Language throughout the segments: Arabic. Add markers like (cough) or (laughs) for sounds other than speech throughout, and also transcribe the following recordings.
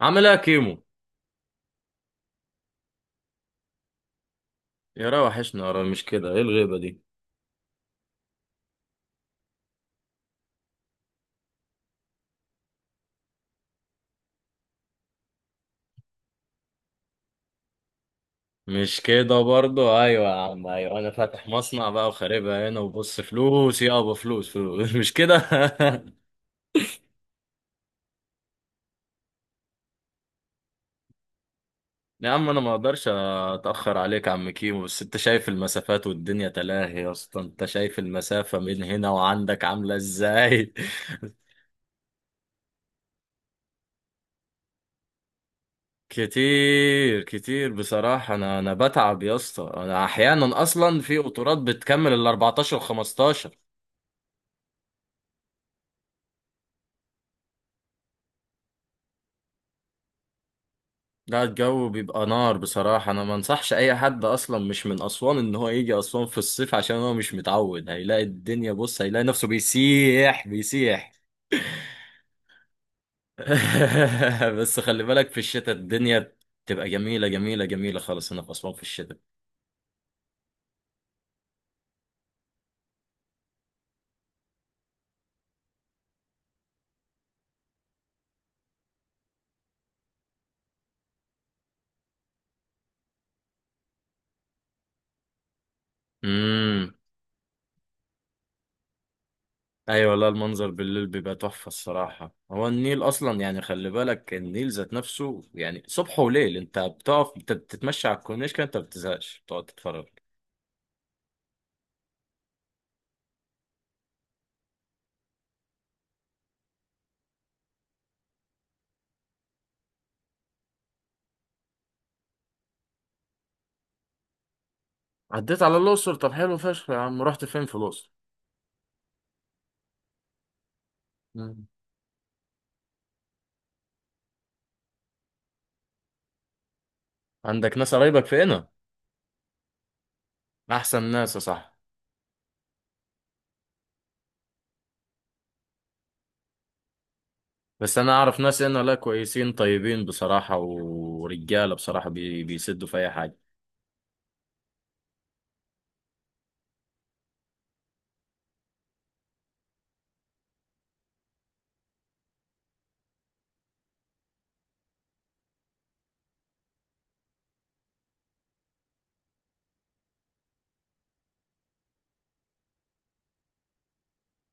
عامل ايه يا كيمو؟ يا را وحشنا يا را، مش كده؟ ايه الغيبة دي؟ مش كده برضو. ايوه يا عم، ايوه، انا فاتح مصنع بقى وخاربها هنا وبص، فلوس يابا، فلوس فلوس. (laughs) مش كده. (laughs) يا عم انا ما اقدرش اتاخر عليك يا عم كيمو، بس انت شايف المسافات والدنيا تلاهي يا اسطى، انت شايف المسافة من هنا وعندك عاملة ازاي. (laughs) كتير كتير بصراحة. أنا بتعب يا اسطى، أنا أحيانا أصلا في قطورات بتكمل ال 14 و15. لا، الجو بيبقى نار بصراحة. أنا ما أنصحش أي حد أصلا مش من أسوان إن هو يجي أسوان في الصيف، عشان هو مش متعود. هيلاقي الدنيا، بص، هيلاقي نفسه بيسيح بيسيح. (laughs) بس خلي بالك في الشتاء الدنيا تبقى جميلة جميلة جميلة خالص هنا في أسوان في الشتاء. امم. أيوة. لا، المنظر بالليل بيبقى تحفة الصراحة. هو النيل أصلا يعني، خلي بالك، النيل ذات نفسه يعني صبح وليل. أنت بتقف بتتمشى على الكورنيش كده، أنت ما بتزهقش، بتقعد تتفرج. عديت على الأقصر؟ طب حلو فشخ يا عم، رحت فين في الأقصر؟ مم. عندك ناس قرايبك في هنا؟ أحسن ناس يا صاحبي. بس أنا أعرف ناس هنا، لا كويسين طيبين بصراحة، ورجالة بصراحة، بيسدوا في أي حاجة.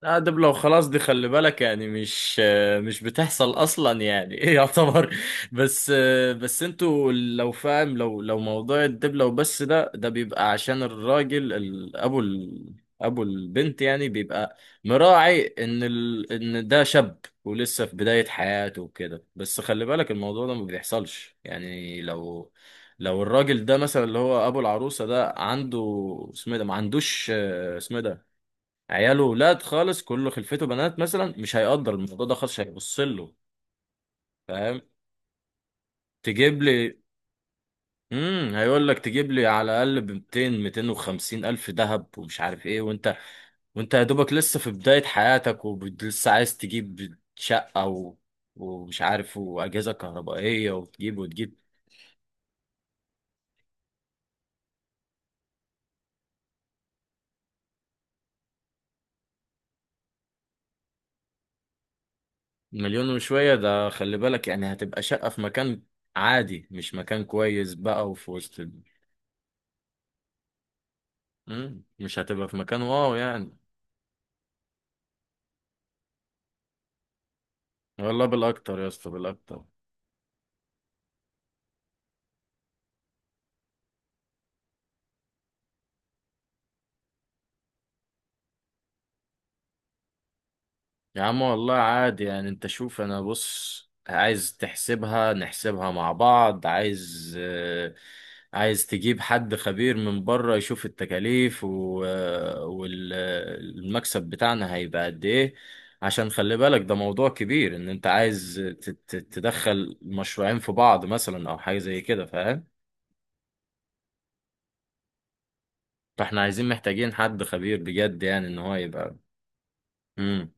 لا، ده لو خلاص دي، خلي بالك يعني، مش بتحصل اصلا يعني. (laughs) ايه، يعتبر. بس بس انتوا لو فاهم، لو موضوع الدبلة وبس ده بيبقى عشان الراجل، ابو البنت يعني، بيبقى مراعي ان ان ده شاب ولسه في بداية حياته وكده، بس خلي بالك الموضوع ده ما بيحصلش يعني. لو الراجل ده مثلا، اللي هو ابو العروسة ده، عنده اسمه إيه ده، ما عندوش اسمه إيه ده، عياله ولاد خالص، كله خلفته بنات مثلا، مش هيقدر الموضوع ده خالص، هيبص له فاهم. تجيب لي، هيقول لك تجيب لي على الاقل ب 200 250 الف ذهب ومش عارف ايه، وانت يا دوبك لسه في بداية حياتك ولسه عايز تجيب شقة ومش عارف، وأجهزة كهربائية، وتجيب وتجيب. مليون وشوية ده، خلي بالك يعني، هتبقى شقة في مكان عادي، مش مكان كويس بقى، وفي وسط مش هتبقى في مكان واو يعني. والله بالاكتر يا اسطى، بالاكتر. يا عم والله عادي يعني. انت شوف، انا بص، عايز تحسبها نحسبها مع بعض. عايز تجيب حد خبير من بره يشوف التكاليف والمكسب بتاعنا هيبقى قد ايه، عشان خلي بالك ده موضوع كبير. ان انت عايز تدخل مشروعين في بعض مثلا او حاجة زي كده، فاهم. فاحنا عايزين محتاجين حد خبير بجد يعني ان هو يبقى. امم.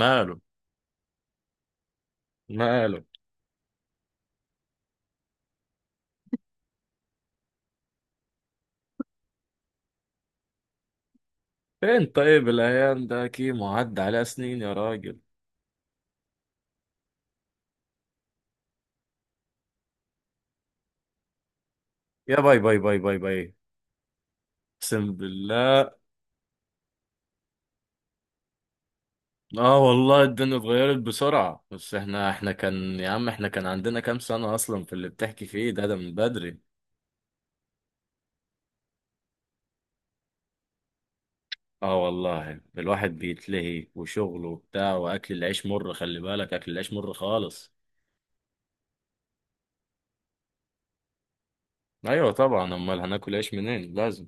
ماله. ماله. فين طيب؟ الأيام ده كيمو عدى عليها سنين يا راجل. يا باي باي باي باي باي! اقسم بالله. اه والله الدنيا اتغيرت بسرعة. بس احنا كان عندنا كام سنة أصلا في اللي بتحكي فيه ده؟ ده من بدري. اه والله الواحد بيتلهي وشغله وبتاع، وأكل العيش مر، خلي بالك، أكل العيش مر خالص. أيوة طبعا، أمال هناكل عيش منين؟ لازم.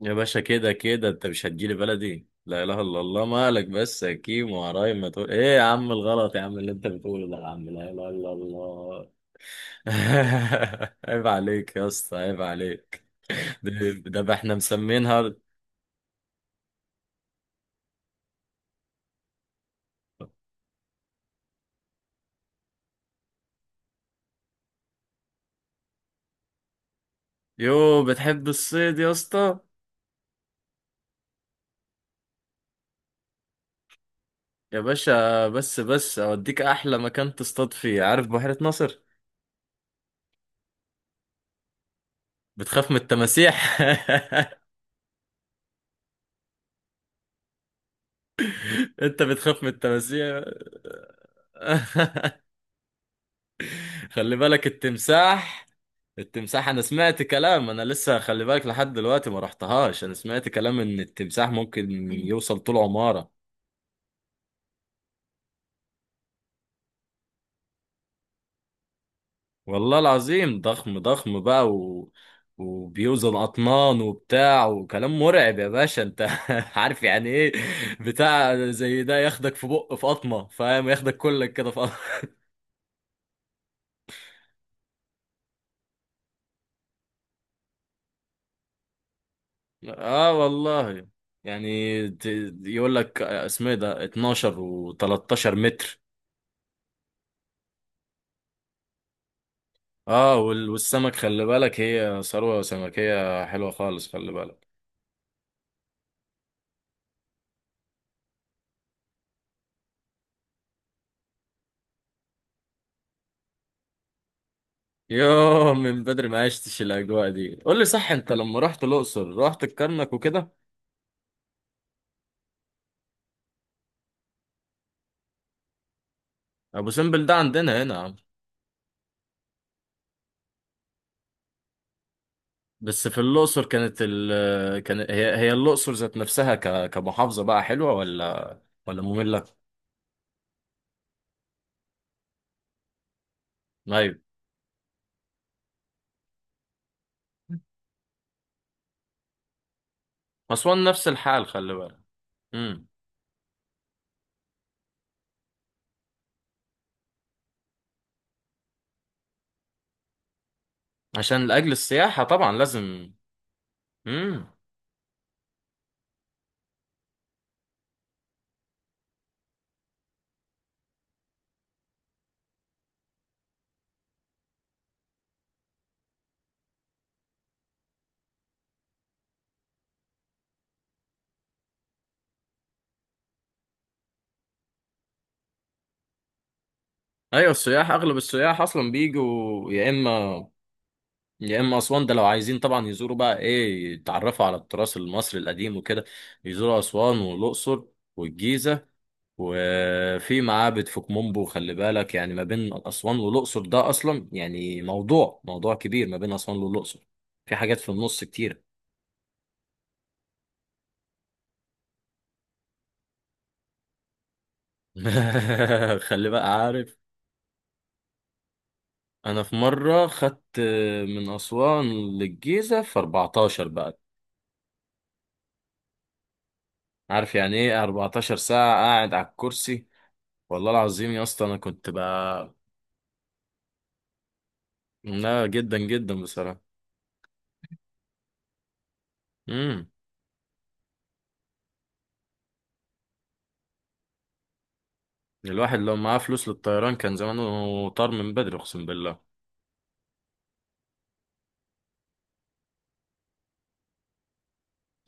يا باشا، كده كده انت مش هتجيلي بلدي؟ لا اله الا الله، مالك بس يا كيم وعرايم؟ ما تقول ايه يا عم، الغلط يا عم اللي انت بتقوله ده يا عم، لا اله الا الله. (laughs) عيب عليك يا اسطى، عيب عليك. ده بقى احنا مسمينها. يو، بتحب الصيد يا اسطى؟ يا باشا، بس اوديك احلى مكان تصطاد فيه، عارف بحيرة ناصر؟ بتخاف من التماسيح؟ (laughs) انت بتخاف من التماسيح؟ (laughs) خلي بالك التمساح. التمساح، انا سمعت كلام، انا لسه خلي بالك لحد دلوقتي ما رحتهاش، انا سمعت كلام ان التمساح ممكن يوصل طول عمارة. والله العظيم، ضخم ضخم بقى، وبيوزن اطنان وبتاع، وكلام مرعب يا باشا، انت (laughs) عارف يعني ايه، بتاع زي ده ياخدك في بق، في قطمة فاهم، ياخدك كلك كده في قطمة. (laughs) اه والله. يعني يقول لك اسمه إيه ده، 12 و13 متر. اه، والسمك خلي بالك، هي ثروة سمكية حلوة خالص، خلي بالك. يوه، من بدري ما عشتش الاجواء دي. قول لي صح، انت لما رحت الاقصر رحت الكرنك وكده؟ ابو سمبل ده عندنا هنا يا عم. بس في الاقصر، كانت ال كان هي هي الاقصر ذات نفسها كمحافظه بقى، حلوه ولا ممله؟ ايوه. اسوان نفس الحال خلي بالك. امم. عشان لاجل السياحه طبعا لازم. امم. ايوه، اغلب السياح اصلا بيجوا، يا اما يا اما اسوان ده لو عايزين طبعا يزوروا بقى ايه، يتعرفوا على التراث المصري القديم وكده، يزوروا اسوان والاقصر والجيزه. وفي معابد في كومبو، خلي بالك، يعني ما بين اسوان والاقصر ده اصلا يعني موضوع، موضوع كبير ما بين اسوان والاقصر، في حاجات في النص كتير. (laughs) خلي بقى عارف. انا في مره خدت من اسوان للجيزه في 14 بقى، عارف يعني ايه 14 ساعه قاعد على الكرسي؟ والله العظيم يا اسطى، انا كنت بقى. لا، جدا جدا بصراحة. امم. الواحد لو معاه فلوس للطيران كان زمانه طار من بدري، اقسم بالله.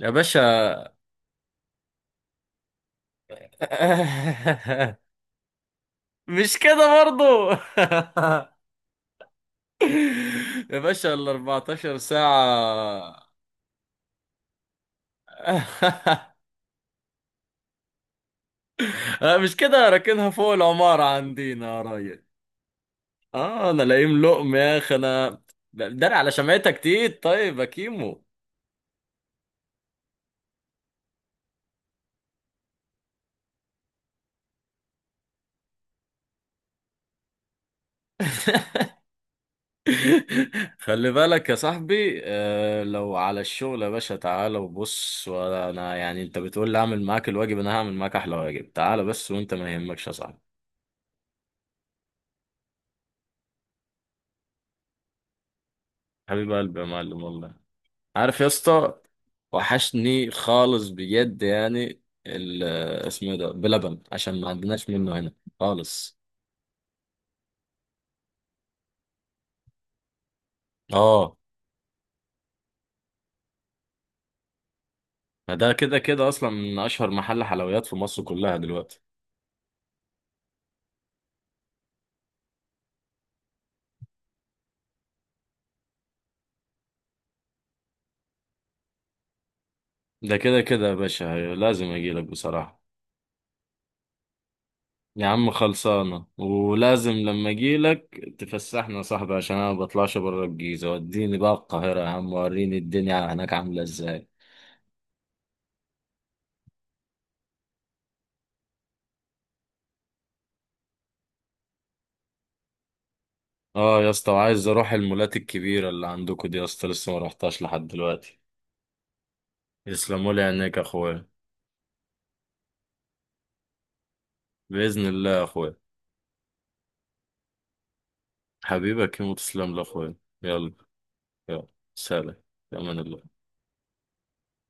يا باشا. (laughs) مش كده برضو؟ (laughs) يا باشا، ال 14 ساعة. (laughs) أنا مش كده، راكنها فوق العمارة عندنا يا راجل. اه، انا لاقيم لقم يا اخي انا. ده على شمعتك تيت طيب يا كيمو. خلي بالك يا صاحبي، لو على الشغل يا باشا تعالى وبص، وانا يعني انت بتقول لي اعمل معاك الواجب، انا هعمل معاك احلى واجب، تعالى بس وانت ما يهمكش يا صاحبي. حبيب قلبي يا معلم والله. عارف يا اسطى، وحشني خالص بجد يعني اسمه إيه ده بلبن، عشان ما عندناش منه هنا خالص. اه، ما ده كده كده اصلا من اشهر محل حلويات في مصر كلها دلوقتي. ده كده كده يا باشا، لازم اجيلك بصراحة. يا عم خلصانة، ولازم لما اجيلك تفسحنا يا صاحبي، عشان انا ما بطلعش بره الجيزة، وديني بقى القاهرة يا عم، وريني الدنيا هناك عاملة ازاي. اه يا اسطى، وعايز اروح المولات الكبيرة اللي عندكم دي يا اسطى، لسه ما رحتهاش لحد دلوقتي. يسلموا لي عينيك يا اخويا. بإذن الله يا اخويا. حبيبك يموت، تسلم لي يا اخويا. يلا. يلا. سلام. في امان الله.